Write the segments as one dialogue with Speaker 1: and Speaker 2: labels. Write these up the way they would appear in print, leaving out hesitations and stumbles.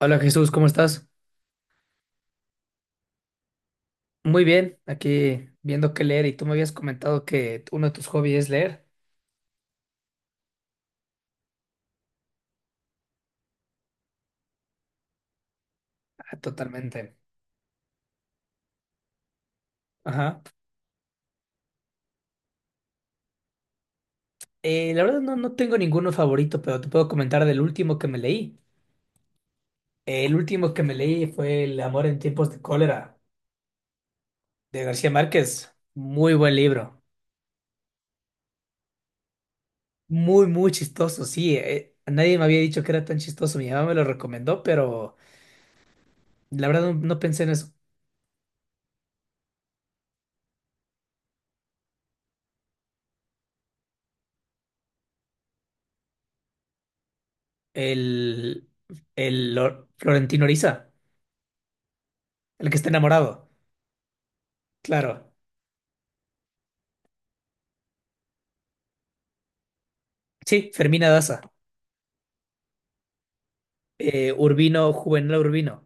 Speaker 1: Hola Jesús, ¿cómo estás? Muy bien, aquí viendo qué leer y tú me habías comentado que uno de tus hobbies es leer. Ah, totalmente. Ajá. La verdad no tengo ninguno favorito, pero te puedo comentar del último que me leí. El último que me leí fue El amor en tiempos de cólera de García Márquez. Muy buen libro. Muy, muy chistoso, sí. Nadie me había dicho que era tan chistoso. Mi mamá me lo recomendó, pero la verdad no pensé en eso. El, Florentino Oriza, el que está enamorado. Claro. Sí, Fermina Daza. Urbino, Juvenal Urbino.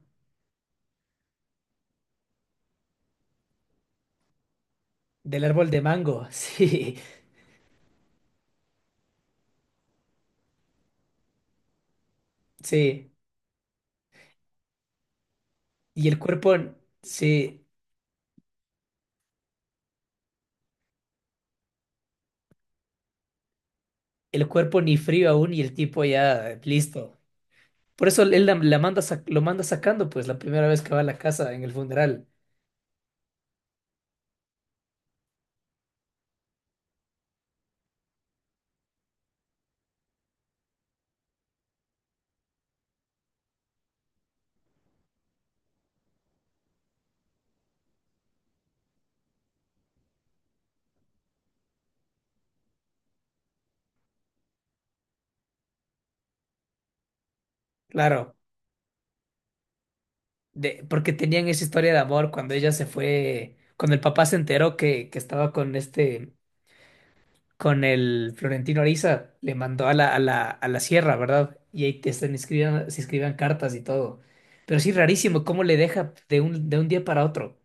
Speaker 1: Del árbol de mango. Sí, sí. Y el cuerpo, sí. El cuerpo ni frío aún y el tipo ya listo. Por eso él la manda, lo manda sacando, pues, la primera vez que va a la casa en el funeral. Claro. De, porque tenían esa historia de amor cuando ella se fue. Cuando el papá se enteró que estaba con este. Con el Florentino Ariza, le mandó a la sierra, ¿verdad? Y ahí te están escribiendo, se escribían cartas y todo. Pero sí, rarísimo, cómo le deja de un día para otro.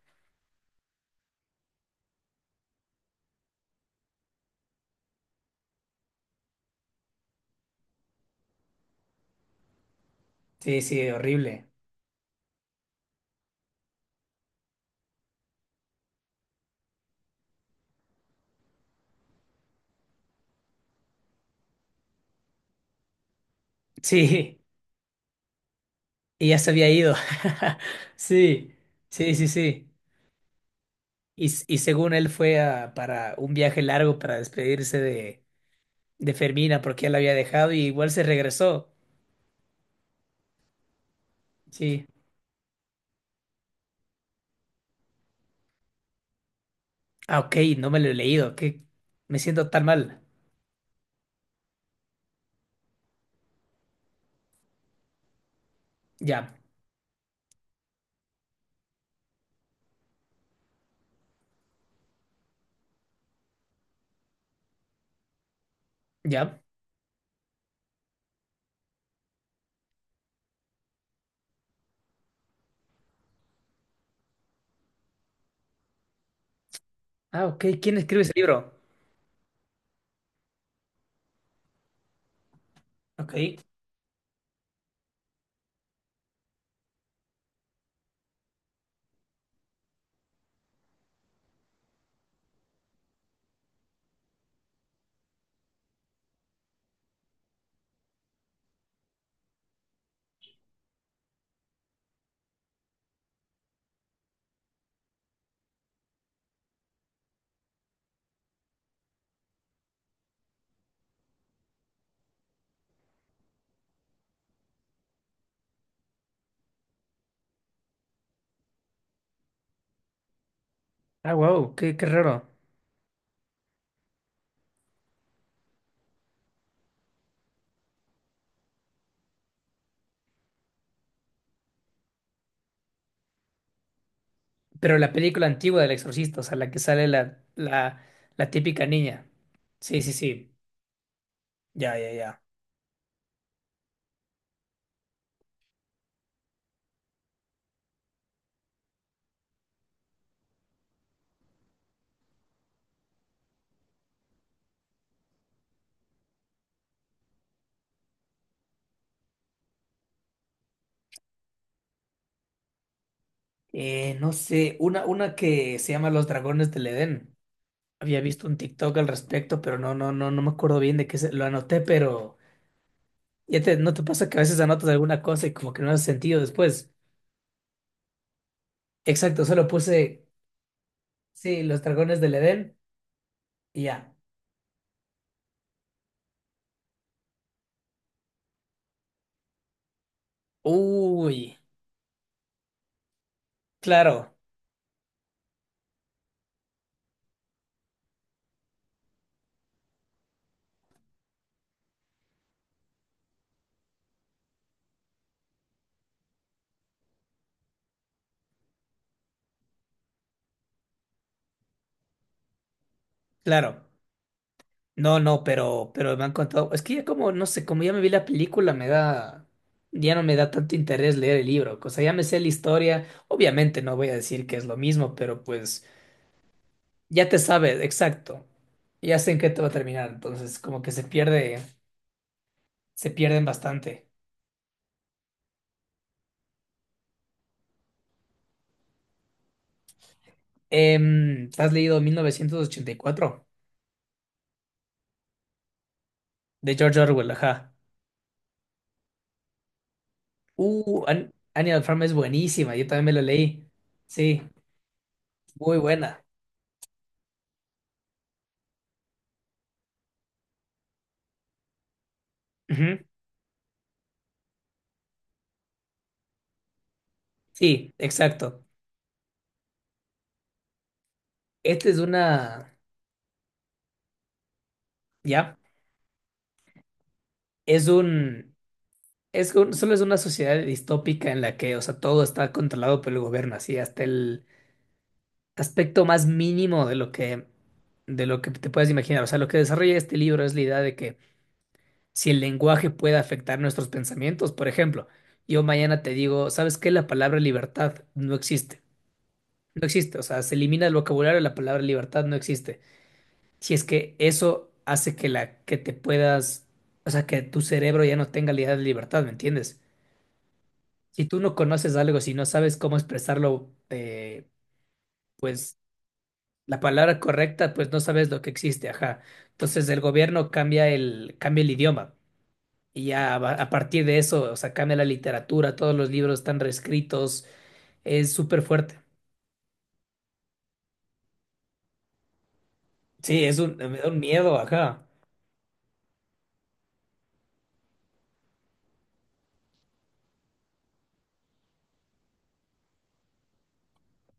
Speaker 1: Sí, sí, horrible. Sí, y ya se había ido. Sí, sí, sí, sí. Y según él para un viaje largo para despedirse de Fermina porque ya la había dejado y igual se regresó. Sí. Ah, ok, no me lo he leído. ¿Qué? Me siento tan mal. Ya, ya. Ah, ok. ¿Quién escribe ese libro? Ok. Ah, wow, qué, qué raro. Pero la película antigua del Exorcista, o sea, la que sale la típica niña. Sí, sí, sí. Ya, ya, ya. No sé, una que se llama Los Dragones del Edén. Había visto un TikTok al respecto, pero no, no, no, no me acuerdo bien de qué se, lo anoté, pero ya te, ¿no te pasa que a veces anotas alguna cosa y como que no hace sentido después? Exacto, solo puse, sí, Los Dragones del Edén y ya. Uy, claro, claro. No, no, pero me han contado. Es que ya como, no sé, como ya me vi la película, me da. Ya no me da tanto interés leer el libro. O sea, ya me sé la historia. Obviamente no voy a decir que es lo mismo, pero pues ya te sabes, exacto. Ya sé en qué te va a terminar. Entonces, como que se pierden bastante. ¿Has leído 1984? De George Orwell, ajá. Animal Farm es buenísima. Yo también me la leí. Sí, muy buena. Ujú. Sí, exacto. Esta es una. ¿Ya? Es un, solo es una sociedad distópica en la que, o sea, todo está controlado por el gobierno, así hasta el aspecto más mínimo de lo de lo que te puedes imaginar. O sea, lo que desarrolla este libro es la idea de que si el lenguaje puede afectar nuestros pensamientos, por ejemplo, yo mañana te digo, ¿sabes qué? La palabra libertad no existe. No existe, o sea, se elimina el vocabulario, la palabra libertad no existe. Si es que eso hace que la que te puedas, o sea, que tu cerebro ya no tenga la idea de libertad, ¿me entiendes? Si tú no conoces algo, si no sabes cómo expresarlo, pues la palabra correcta, pues no sabes lo que existe, ajá. Entonces el gobierno cambia el idioma y a partir de eso, o sea, cambia la literatura, todos los libros están reescritos, es súper fuerte. Sí, es un, me da un miedo, ajá.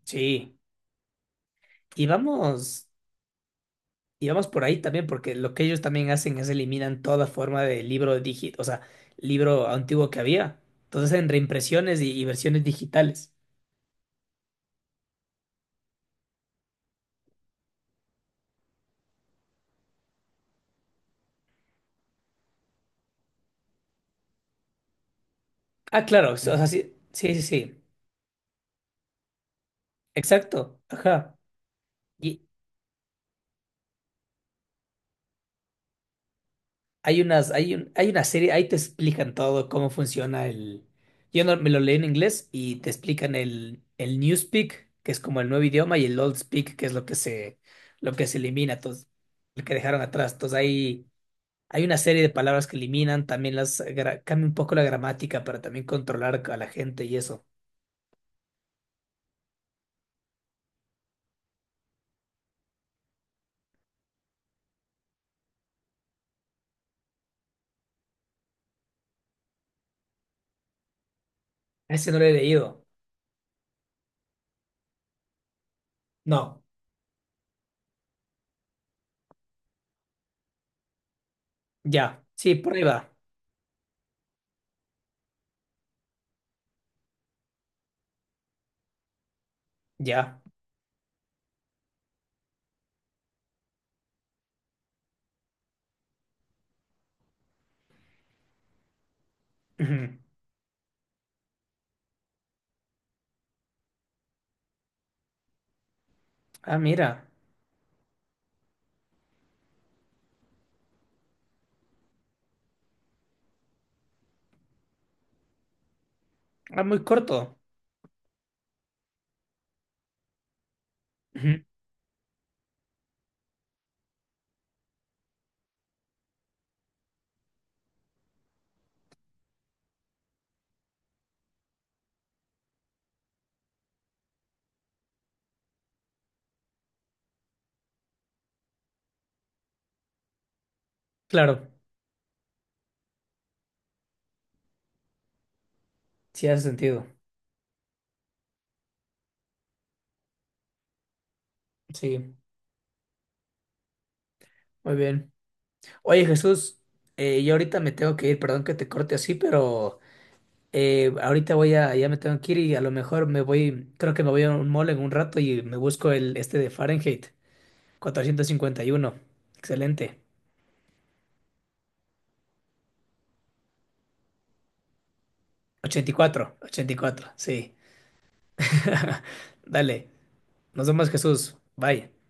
Speaker 1: Sí. Y vamos, y vamos por ahí también, porque lo que ellos también hacen es eliminan toda forma de libro digital, o sea, libro antiguo que había. Entonces en reimpresiones y versiones digitales. Ah, claro, o sea, sí, sí, sí, sí, exacto, ajá. Y hay una serie, ahí te explican todo cómo funciona el. Yo no, me lo leí en inglés y te explican el Newspeak, que es como el nuevo idioma, y el Old Speak, que es lo que se elimina, entonces, lo que dejaron atrás. Entonces, hay una serie de palabras que eliminan, también cambia un poco la gramática para también controlar a la gente y eso. Ese no lo he leído. No, ya, sí, prueba, ya. Ujú. Ah, mira. Ah, muy corto. Ujú. Claro, sí hace sentido. Sí, muy bien. Oye, Jesús, yo ahorita me tengo que ir, perdón que te corte así, pero ya me tengo que ir y a lo mejor me voy, creo que me voy a un mall en un rato y me busco el este de Fahrenheit 451. Excelente. Ochenta. 84, ochenta y cuatro, sí. Dale, nos vemos, Jesús. Bye.